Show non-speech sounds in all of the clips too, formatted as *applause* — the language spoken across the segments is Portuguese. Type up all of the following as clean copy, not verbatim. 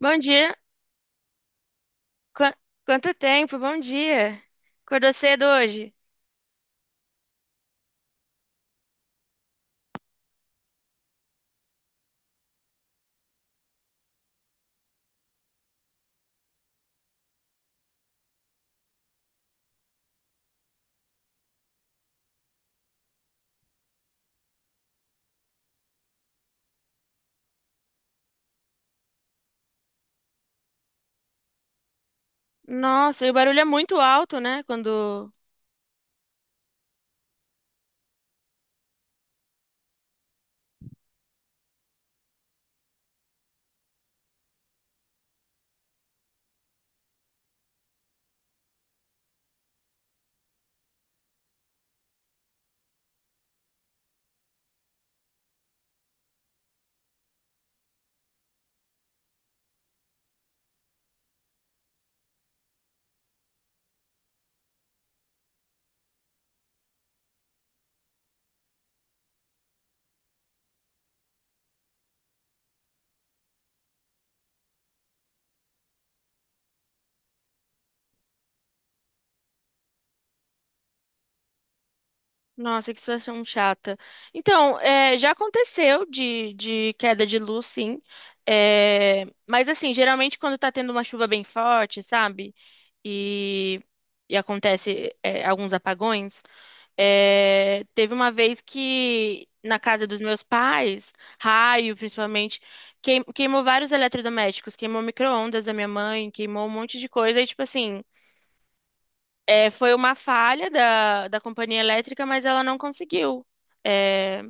Bom dia. Qua- Quanto tempo? Bom dia. Acordou cedo hoje? Nossa, e o barulho é muito alto, né? Quando. Nossa, que situação chata. Então, é, já aconteceu de queda de luz, sim. É, mas, assim, geralmente quando tá tendo uma chuva bem forte, sabe? E, e acontece, é, alguns apagões. É, teve uma vez que na casa dos meus pais, raio principalmente, queimou vários eletrodomésticos, queimou micro-ondas da minha mãe, queimou um monte de coisa. E, tipo assim, é, foi uma falha da companhia elétrica, mas ela não conseguiu. É,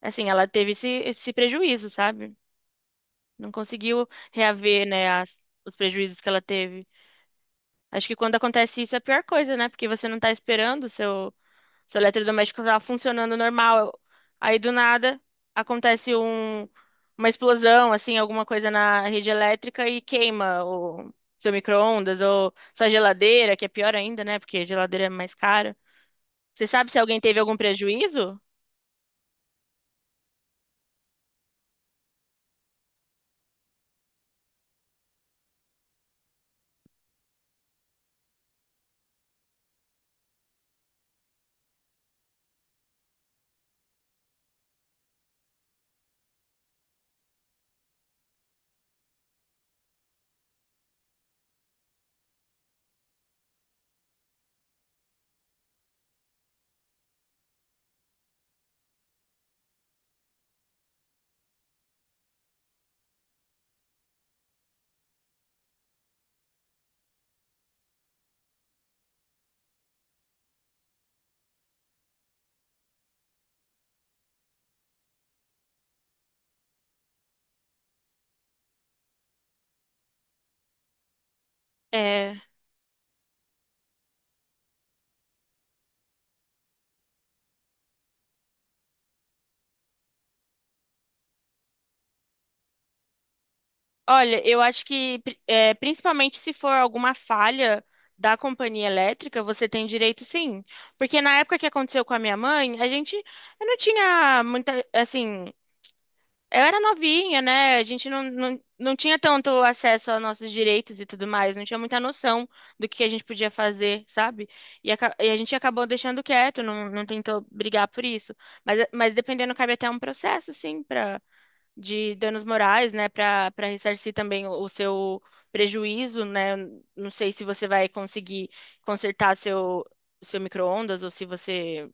assim, ela teve esse, esse prejuízo, sabe? Não conseguiu reaver, né, os prejuízos que ela teve. Acho que quando acontece isso é a pior coisa, né? Porque você não tá esperando o seu. Seu eletrodoméstico estava funcionando normal. Aí do nada acontece uma explosão, assim, alguma coisa na rede elétrica e queima o seu micro-ondas ou sua geladeira, que é pior ainda, né? Porque geladeira é mais cara. Você sabe se alguém teve algum prejuízo? É, olha, eu acho que principalmente se for alguma falha da companhia elétrica, você tem direito sim. Porque na época que aconteceu com a minha mãe, a gente eu não tinha muita, assim, eu era novinha, né? A gente não tinha tanto acesso aos nossos direitos e tudo mais, não tinha muita noção do que a gente podia fazer, sabe? E, e a gente acabou deixando quieto, não, não tentou brigar por isso. Mas dependendo, cabe até um processo, sim, para de danos morais, né? Para ressarcir também o seu prejuízo, né? Não sei se você vai conseguir consertar seu, seu micro-ondas ou se você.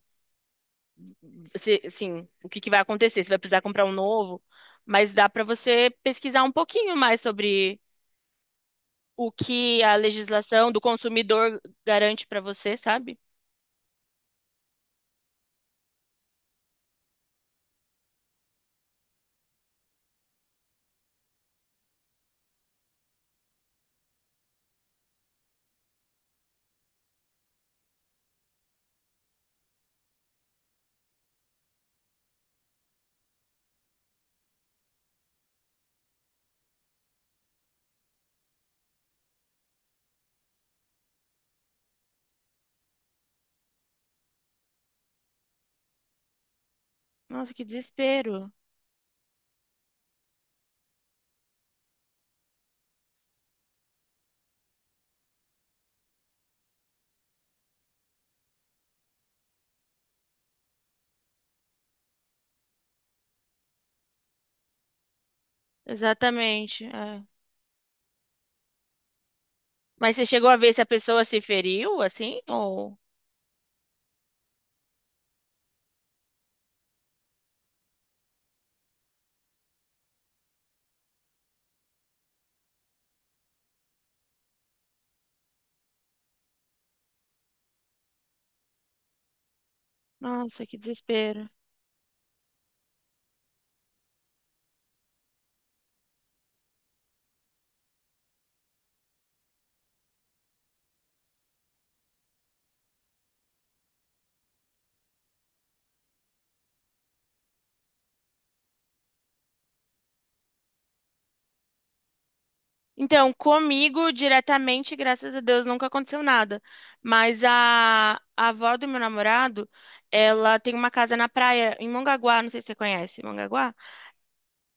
Você, assim, o que que vai acontecer? Você vai precisar comprar um novo, mas dá para você pesquisar um pouquinho mais sobre o que a legislação do consumidor garante para você, sabe? Nossa, que desespero. Exatamente. É. Mas você chegou a ver se a pessoa se feriu, assim? Ou... Nossa, que desespero. Então, comigo diretamente, graças a Deus, nunca aconteceu nada. Mas a avó do meu namorado, ela tem uma casa na praia, em Mongaguá, não sei se você conhece, Mongaguá?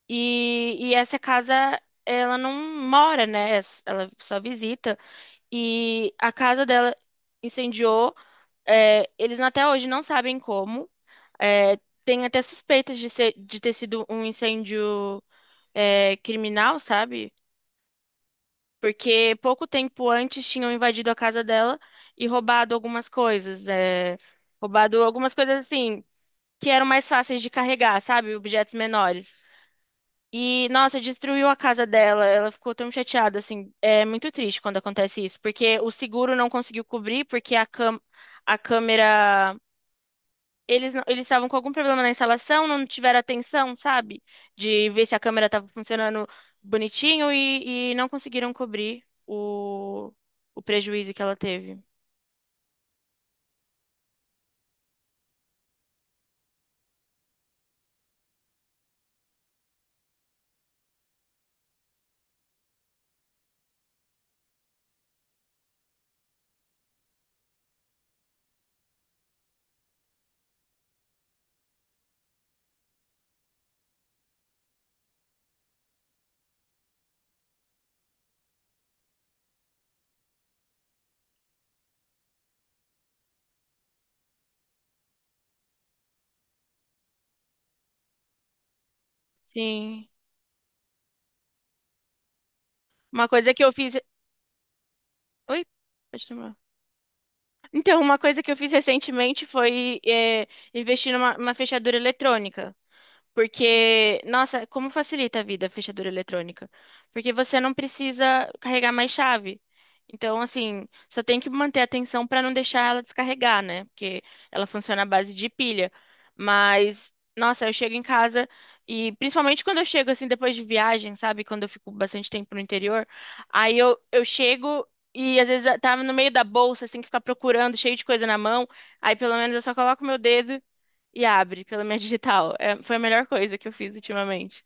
E essa casa, ela não mora, né? Ela só visita. E a casa dela incendiou. É, eles até hoje não sabem como. É, tem até suspeitas de ser, de ter sido um incêndio, é, criminal, sabe? Porque pouco tempo antes tinham invadido a casa dela e roubado algumas coisas. É, roubado algumas coisas assim, que eram mais fáceis de carregar, sabe? Objetos menores. E, nossa, destruiu a casa dela. Ela ficou tão chateada, assim. É muito triste quando acontece isso, porque o seguro não conseguiu cobrir, porque a cam a câmera. Eles não- eles estavam com algum problema na instalação, não tiveram atenção, sabe? De ver se a câmera estava funcionando bonitinho e não conseguiram cobrir o prejuízo que ela teve. Sim. Uma coisa que eu fiz. Oi? Pode terminar. Então, uma coisa que eu fiz recentemente foi é, investir numa numa fechadura eletrônica. Porque, nossa, como facilita a vida a fechadura eletrônica? Porque você não precisa carregar mais chave. Então, assim, só tem que manter a atenção para não deixar ela descarregar, né? Porque ela funciona à base de pilha. Mas, nossa, eu chego em casa e, principalmente quando eu chego, assim, depois de viagem, sabe? Quando eu fico bastante tempo no interior, aí eu chego. E às vezes tá no meio da bolsa, você tem que ficar procurando, cheio de coisa na mão. Aí pelo menos eu só coloco o meu dedo e abre pela minha *laughs* digital. É, foi a melhor coisa que eu fiz ultimamente.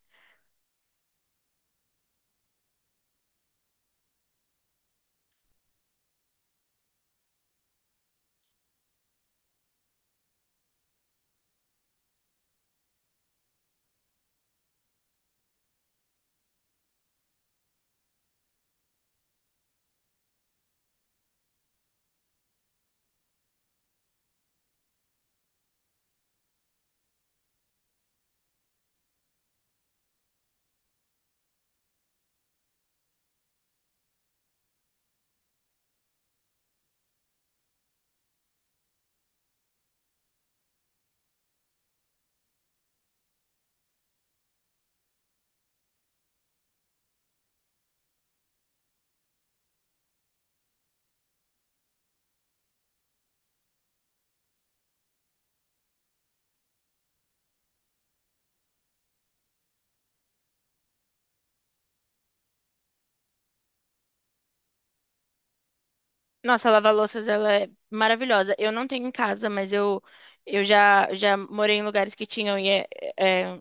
Nossa, a lava-louças, ela é maravilhosa. Eu não tenho em casa, mas eu já, já morei em lugares que tinham e é, é,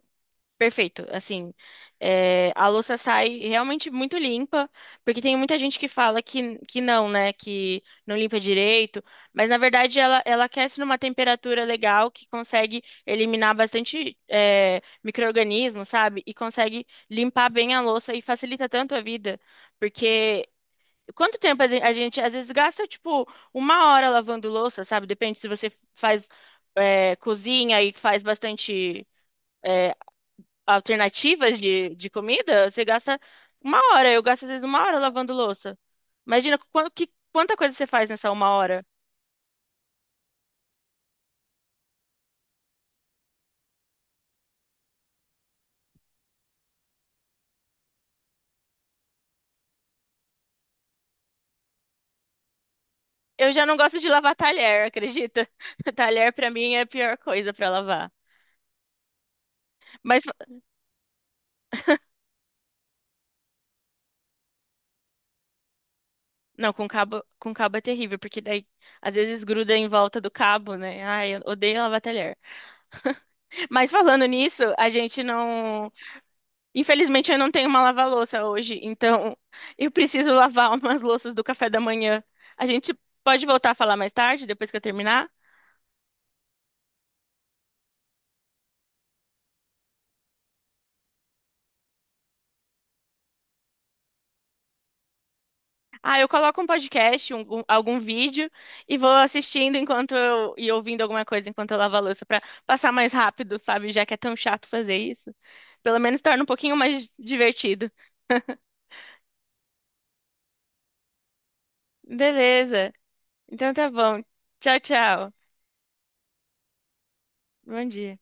perfeito. Assim, é, a louça sai realmente muito limpa, porque tem muita gente que fala que não, né? Que não limpa direito, mas na verdade ela, ela aquece numa temperatura legal que consegue eliminar bastante é, micro-organismo, sabe? E consegue limpar bem a louça e facilita tanto a vida, porque. Quanto tempo a gente, às vezes gasta tipo uma hora lavando louça, sabe? Depende se você faz é, cozinha e faz bastante. Eh, alternativas de comida, você gasta uma hora. Eu gasto às vezes uma hora lavando louça. Imagina quanta coisa você faz nessa uma hora. Eu já não gosto de lavar talher, acredita? *laughs* Talher pra mim é a pior coisa pra lavar. Mas não, com cabo é terrível, porque daí às vezes gruda em volta do cabo, né? Ai, eu odeio lavar talher. Mas falando nisso, a gente não infelizmente, eu não tenho uma lava-louça hoje, então eu preciso lavar *laughs* umas louças do café da manhã. A gente pode voltar a falar mais tarde, depois que eu terminar? Ah, eu coloco um podcast, algum vídeo e vou assistindo enquanto eu, e ouvindo alguma coisa enquanto eu lavo a louça para passar mais rápido, sabe? Já que é tão chato fazer isso. Pelo menos torna um pouquinho mais divertido. Beleza. Então tá bom. Tchau, tchau. Bom dia.